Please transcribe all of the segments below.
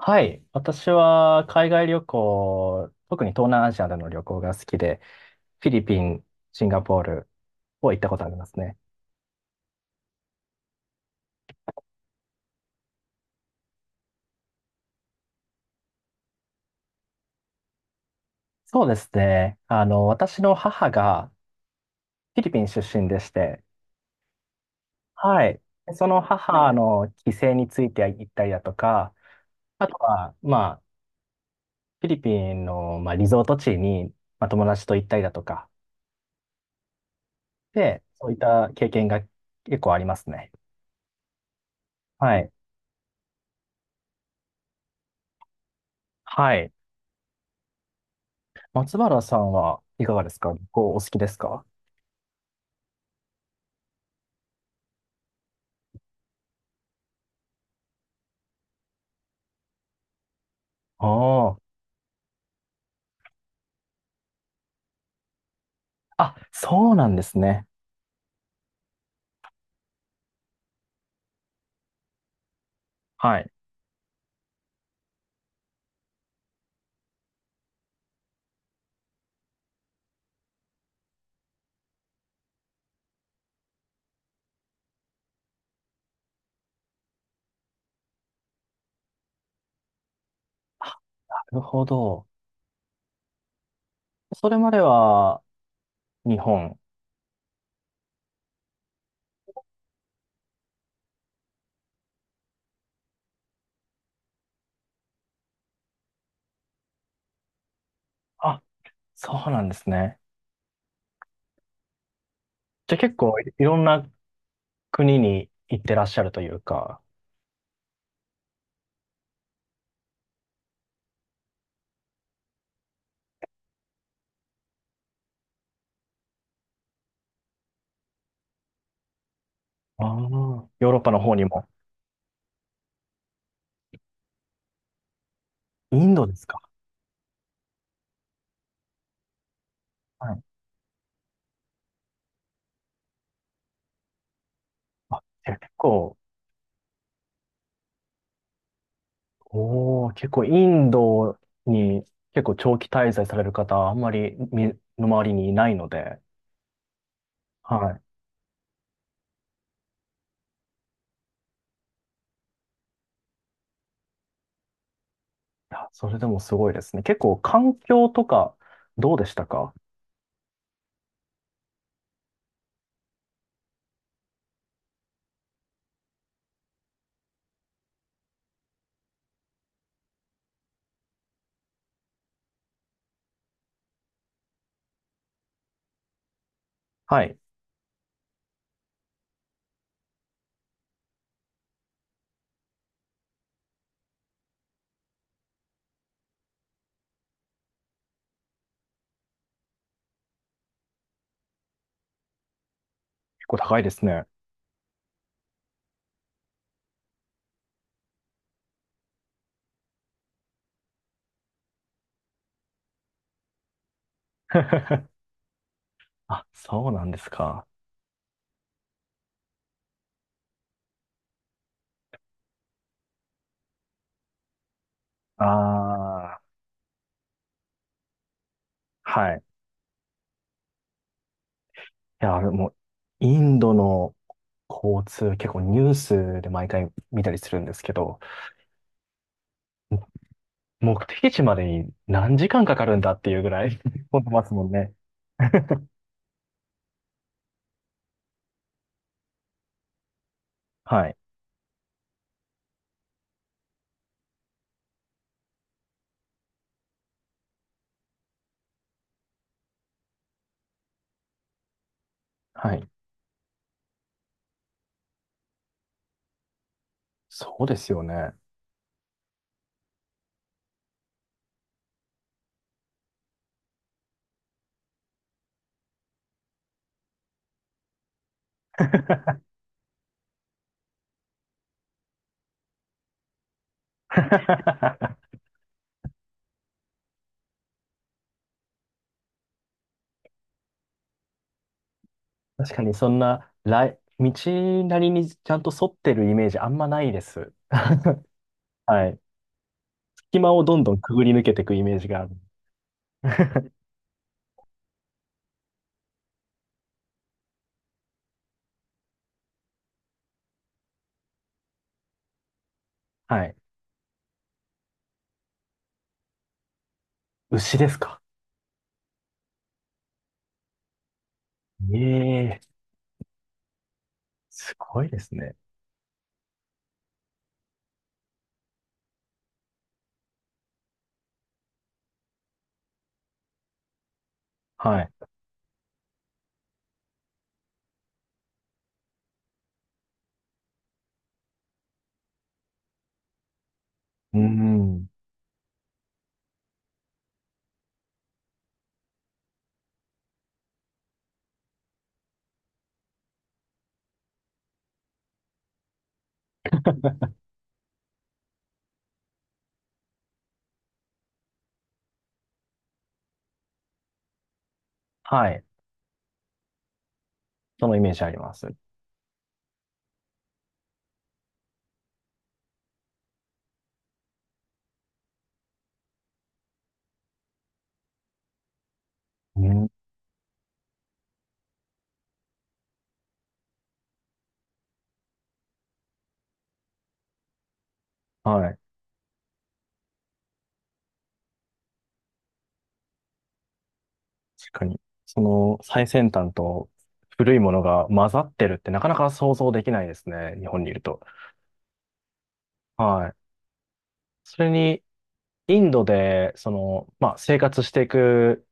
はい。私は海外旅行、特に東南アジアでの旅行が好きで、フィリピン、シンガポールを行ったことありますね。そうですね。私の母がフィリピン出身でして、はい。その母の帰省について行ったりだとか、あとは、まあ、フィリピンの、まあ、リゾート地に、まあ、友達と行ったりだとか、で、そういった経験が結構ありますね。はい。はい。松原さんはいかがですか？旅行お好きですか？ああ。あ、そうなんですね。はい。あ、なるほど。それまでは日本。あ、そうなんですね。じゃあ結構いいろんな国に行ってらっしゃるというか、ああ、ヨーロッパの方にも。インドですか？はい。あ、じゃあ結構、おー、結構インドに結構長期滞在される方、あんまりみの周りにいないので、はい。や、それでもすごいですね。結構環境とかどうでしたか？はい。結構高いですね。あ、そうなんですか。ああ、はい。いや、でも、インドの交通、結構ニュースで毎回見たりするんですけど、目的地までに何時間かかるんだっていうぐらい 混んでますもんね。はい。はい。そうですよね。確かにそんな、道なりにちゃんと沿ってるイメージあんまないです。はい。隙間をどんどんくぐり抜けていくイメージがある。はい。牛ですか。ええ、すごいですね。はい。うん。はい。そのイメージあります。うん。はい。確かに。その最先端と古いものが混ざってるってなかなか想像できないですね。日本にいると。はい。それに、インドで、その、まあ、生活していく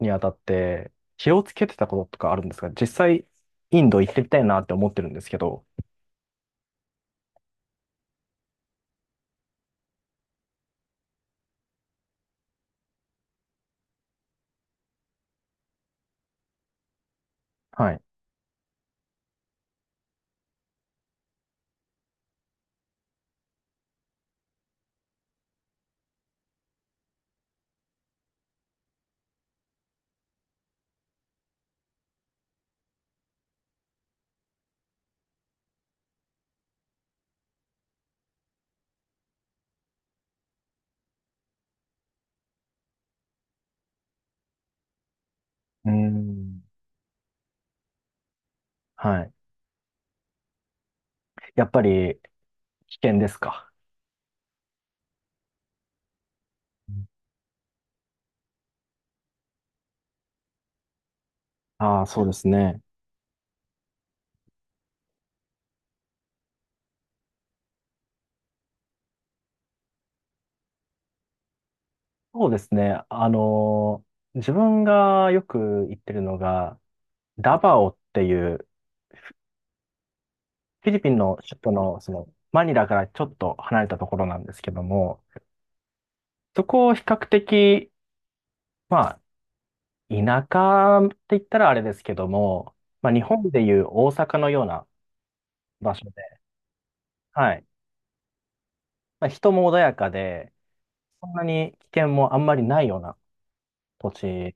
にあたって、気をつけてたこととかあるんですか？実際、インド行ってみたいなって思ってるんですけど。はい。うーん。はい。やっぱり、危険ですか？ああー、そうですね。そうですね。自分がよく行ってるのが、ダバオっていう、フィリピンの首都の、その、マニラからちょっと離れたところなんですけども、そこを比較的、まあ、田舎って言ったらあれですけども、まあ、日本でいう大阪のような場所で、はい。まあ、人も穏やかで、そんなに危険もあんまりないような土地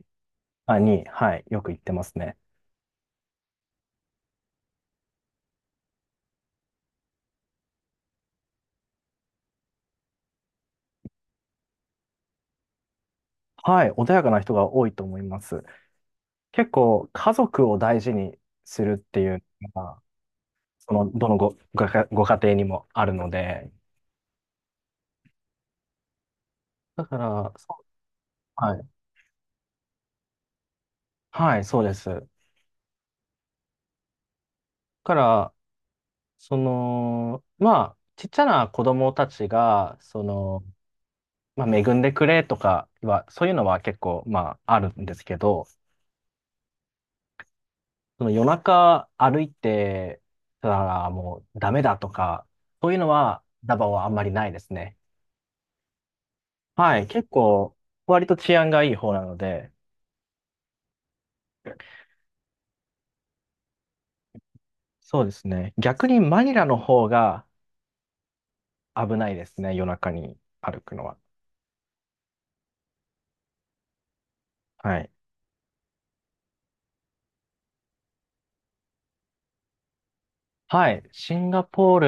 あに、はい、よく行ってますね。はい、穏やかな人が多いと思います。結構、家族を大事にするっていうのが、その、どのご、ご家、ご家庭にもあるので、だから、そう、はい、はい、そうです。だから、その、まあ、ちっちゃな子供たちが、その、まあ、恵んでくれとかは、そういうのは結構、まあ、あるんですけど、その夜中歩いてたらもうダメだとか、そういうのはダバオはあんまりないですね。はい、結構割と治安がいい方なので、そうですね。逆にマニラの方が危ないですね、夜中に歩くのは。はい。はい、シンガポー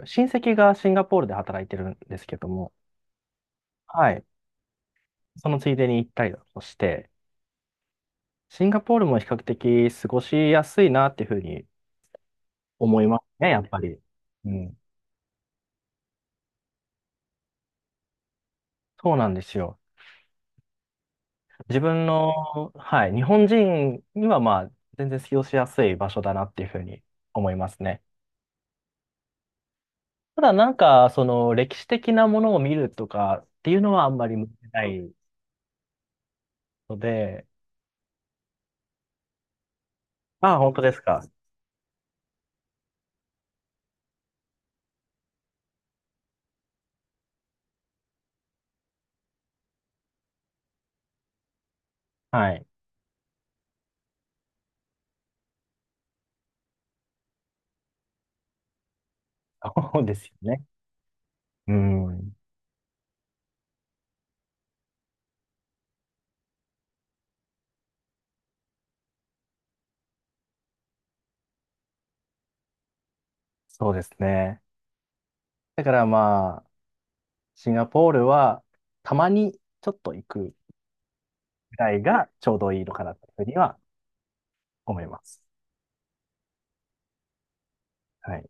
ル、親戚がシンガポールで働いてるんですけども、はい、そのついでに行ったりだとして、シンガポールも比較的過ごしやすいなっていうふうに思いますね、やっぱり。うん、そうなんですよ。自分の、はい、日本人にはまあ、全然使用しやすい場所だなっていうふうに思いますね。ただなんか、その歴史的なものを見るとかっていうのはあんまり向いてないので、ああ、本当ですか。はい。そうですよね。うん。そうですね。だからまあ、シンガポールはたまにちょっと行くぐらいがちょうどいいのかなというふうには思います。はい。